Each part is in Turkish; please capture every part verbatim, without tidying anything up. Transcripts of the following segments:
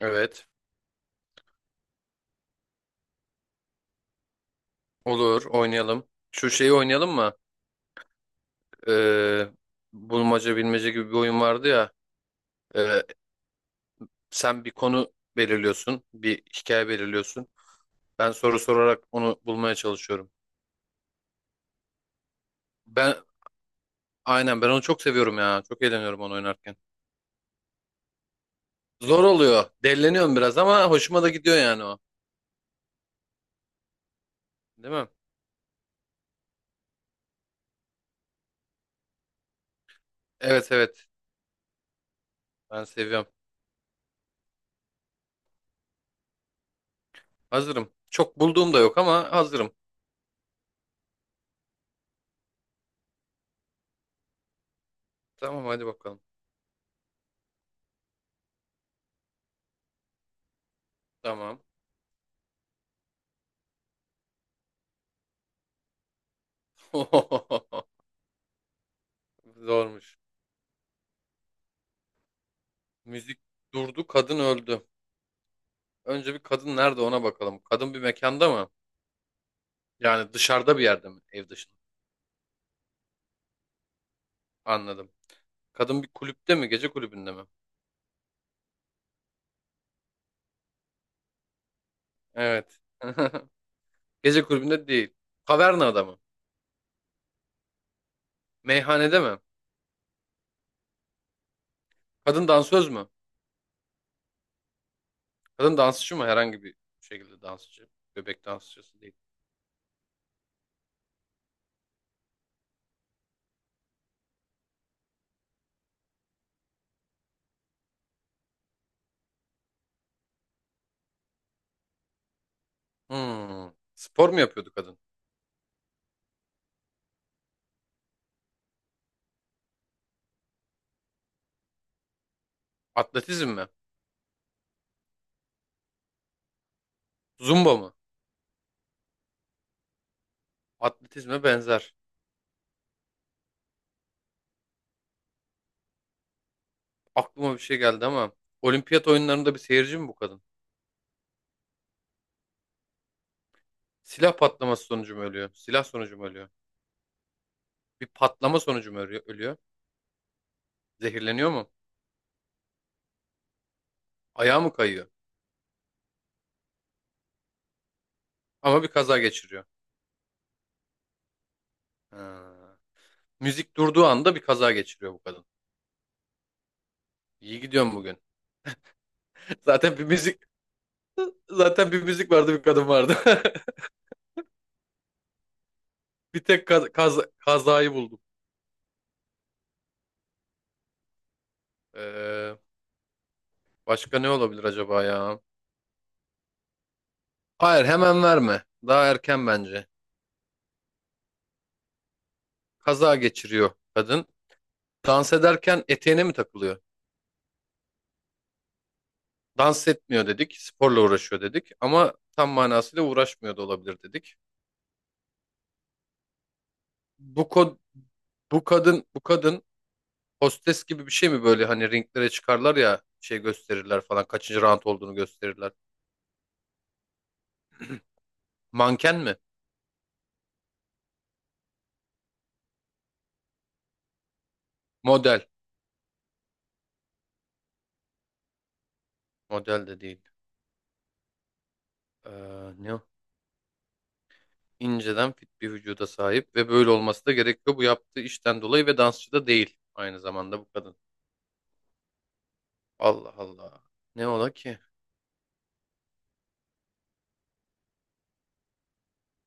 Evet. Olur. Oynayalım. Şu şeyi oynayalım mı? Ee, Bulmaca bilmece gibi bir oyun vardı ya. Ee, Sen bir konu belirliyorsun. Bir hikaye belirliyorsun. Ben soru sorarak onu bulmaya çalışıyorum. Ben aynen ben onu çok seviyorum ya. Çok eğleniyorum onu oynarken. Zor oluyor. Delleniyorum biraz ama hoşuma da gidiyor yani o. Değil mi? Evet, evet. Ben seviyorum. Hazırım. Çok bulduğum da yok ama hazırım. Tamam, hadi bakalım. Tamam. Zormuş. Müzik durdu, kadın öldü. Önce bir kadın nerede ona bakalım. Kadın bir mekanda mı? Yani dışarıda bir yerde mi? Ev dışında. Anladım. Kadın bir kulüpte mi? Gece kulübünde mi? Evet. Gece kulübünde değil. Kavernada mı? Meyhanede mi? Kadın dansöz mü? Kadın dansçı mı? Herhangi bir şekilde dansçı. Bebek dansçısı değil. Hmm. Spor mu yapıyordu kadın? Atletizm mi? Zumba mı? Atletizme benzer. Aklıma bir şey geldi ama. Olimpiyat oyunlarında bir seyirci mi bu kadın? Silah patlaması sonucu mu ölüyor? Silah sonucu mu ölüyor? Bir patlama sonucu mu ölüyor? Ölüyor? Zehirleniyor mu? Ayağı mı kayıyor? Ama bir kaza geçiriyor. Ha. Müzik durduğu anda bir kaza geçiriyor bu kadın. İyi gidiyorum bugün. Zaten bir müzik zaten bir müzik vardı, bir kadın vardı. Bir tek kaz, kaz- kazayı buldum. Ee, Başka ne olabilir acaba ya? Hayır, hemen verme. Daha erken bence. Kaza geçiriyor kadın. Dans ederken eteğine mi takılıyor? Dans etmiyor dedik, sporla uğraşıyor dedik ama tam manasıyla uğraşmıyor da olabilir dedik. Bu kod, bu kadın, bu kadın hostes gibi bir şey mi, böyle hani ringlere çıkarlar ya şey gösterirler falan, kaçıncı round olduğunu gösterirler. Manken mi? Model. Model de değil. Ee, Ne o? İnceden fit bir vücuda sahip ve böyle olması da gerekiyor bu yaptığı işten dolayı ve dansçı da değil aynı zamanda bu kadın. Allah Allah. Ne ola ki?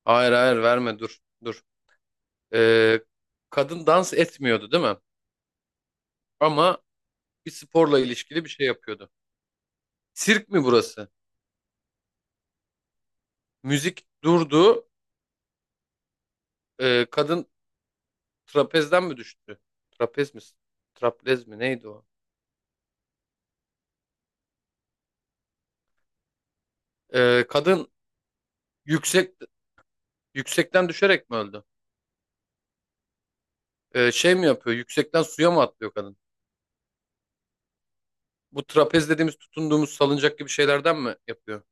Hayır, hayır, verme, dur dur. Ee, Kadın dans etmiyordu değil mi? Ama bir sporla ilişkili bir şey yapıyordu. Sirk mi burası? Müzik durdu. Ee, kadın trapezden mi düştü? Trapez mi? Traplez mi? Neydi o? Ee, kadın yüksek yüksekten düşerek mi öldü? Ee, şey mi yapıyor? Yüksekten suya mı atlıyor kadın? Bu trapez dediğimiz tutunduğumuz salıncak gibi şeylerden mi yapıyor?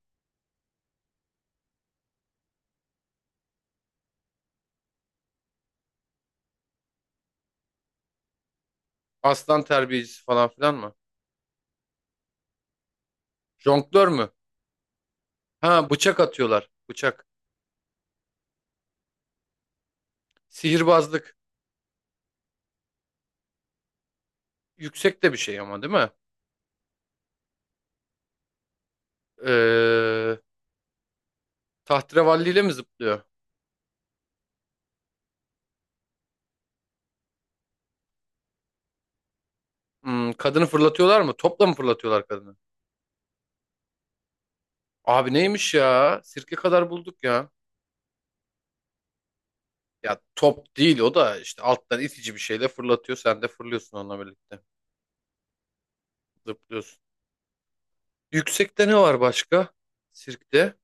Aslan terbiyecisi falan filan mı? Jonglör mü? Ha, bıçak atıyorlar. Bıçak. Sihirbazlık. Yüksek de bir şey ama değil mi? Ee, Tahterevalliyle mi zıplıyor? Hmm, kadını fırlatıyorlar mı? Topla mı fırlatıyorlar kadını? Abi neymiş ya? Sirke kadar bulduk ya. Ya top değil o da işte alttan itici bir şeyle fırlatıyor. Sen de fırlıyorsun onunla birlikte. Zıplıyorsun. Yüksekte ne var başka? Sirkte.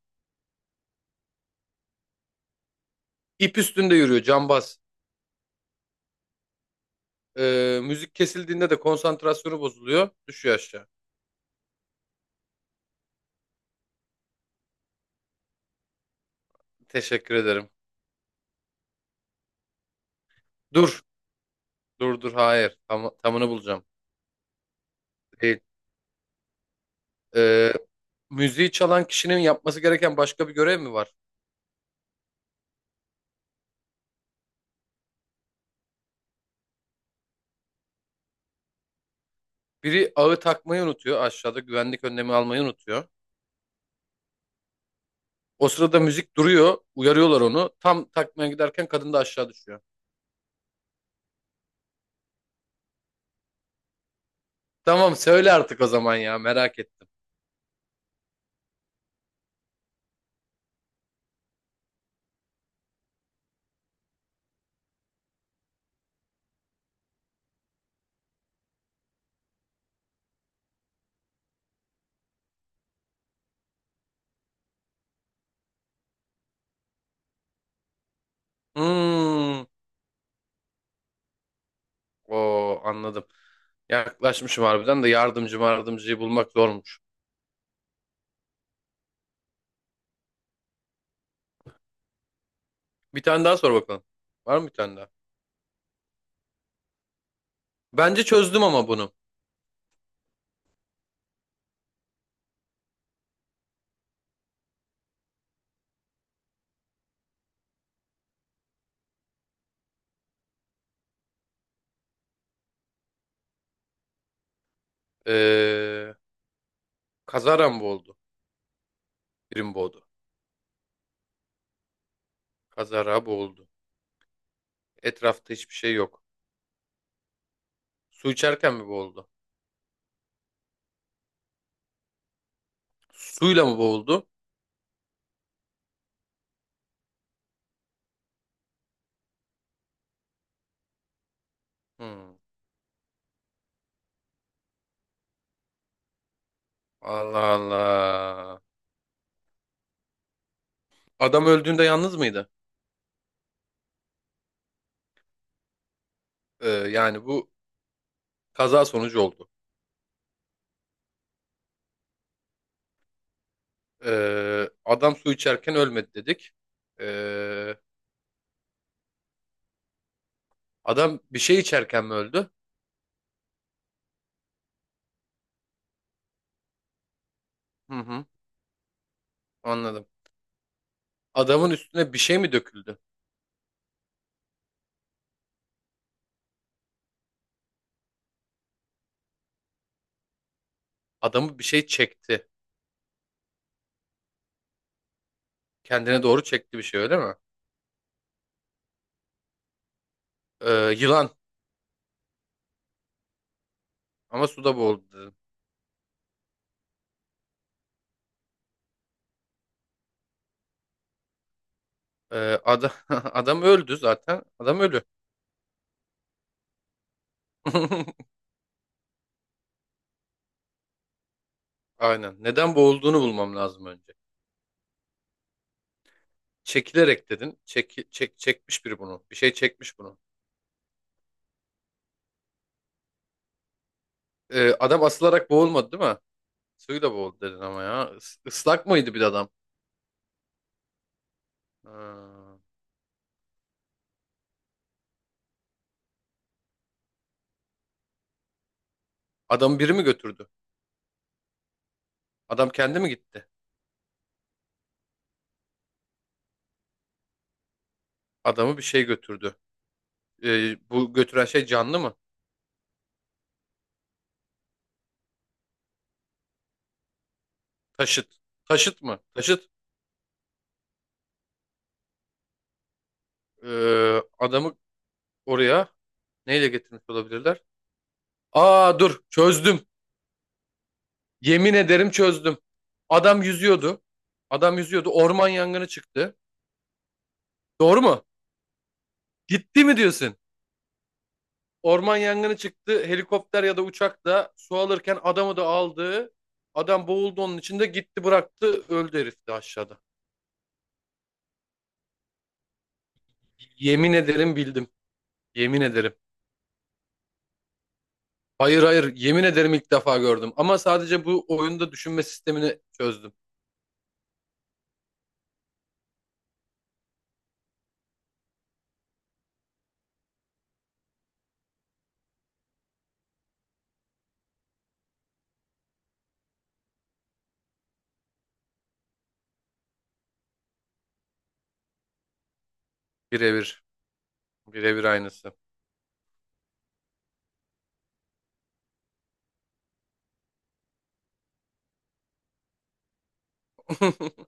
İp üstünde yürüyor cambaz. Ee, müzik kesildiğinde de konsantrasyonu bozuluyor. Düşüyor aşağı. Teşekkür ederim. Dur. Dur dur hayır. Tam, tamını bulacağım. Değil. Ee, Müziği çalan kişinin yapması gereken başka bir görev mi var? Biri ağı takmayı unutuyor, aşağıda güvenlik önlemi almayı unutuyor. O sırada müzik duruyor, uyarıyorlar onu. Tam takmaya giderken kadın da aşağı düşüyor. Tamam söyle artık o zaman ya, merak ettim. Hmm. Oo, anladım. Yaklaşmışım harbiden de yardımcı yardımcıyı bulmak zormuş. Bir tane daha sor bakalım. Var mı bir tane daha? Bence çözdüm ama bunu. Ee, Kazara mı boğuldu? Biri mi boğdu? Kazara boğuldu. Etrafta hiçbir şey yok. Su içerken mi boğuldu? Suyla mı boğuldu? Hmm. Allah Allah. Adam öldüğünde yalnız mıydı? Ee, yani bu kaza sonucu oldu. Ee, adam su içerken ölmedi dedik. Ee, Adam bir şey içerken mi öldü? Hı hı, anladım. Adamın üstüne bir şey mi döküldü? Adamı bir şey çekti. Kendine doğru çekti bir şey öyle mi? Ee, Yılan ama suda boğuldu dedim. Ee, adam, Adam öldü zaten. Adam ölü. Aynen. Neden boğulduğunu bulmam lazım önce. Çekilerek dedin. Çek, çek, çekmiş biri bunu. Bir şey çekmiş bunu. Ee, adam asılarak boğulmadı değil mi? Suyla boğuldu dedin ama ya. Is- Islak mıydı bir de adam? Ha. Adamı biri mi götürdü? Adam kendi mi gitti? Adamı bir şey götürdü. Ee, bu götüren şey canlı mı? Taşıt. Taşıt mı? Taşıt. Ee, adamı oraya neyle getirmiş olabilirler? Aa dur, çözdüm. Yemin ederim çözdüm. Adam yüzüyordu. Adam yüzüyordu. Orman yangını çıktı. Doğru mu? Gitti mi diyorsun? Orman yangını çıktı. Helikopter ya da uçak da su alırken adamı da aldı. Adam boğuldu, onun içinde gitti bıraktı. Öldü herif de aşağıda. Yemin ederim bildim. Yemin ederim. Hayır, hayır, yemin ederim ilk defa gördüm. Ama sadece bu oyunda düşünme sistemini çözdüm. Birebir. Birebir aynısı.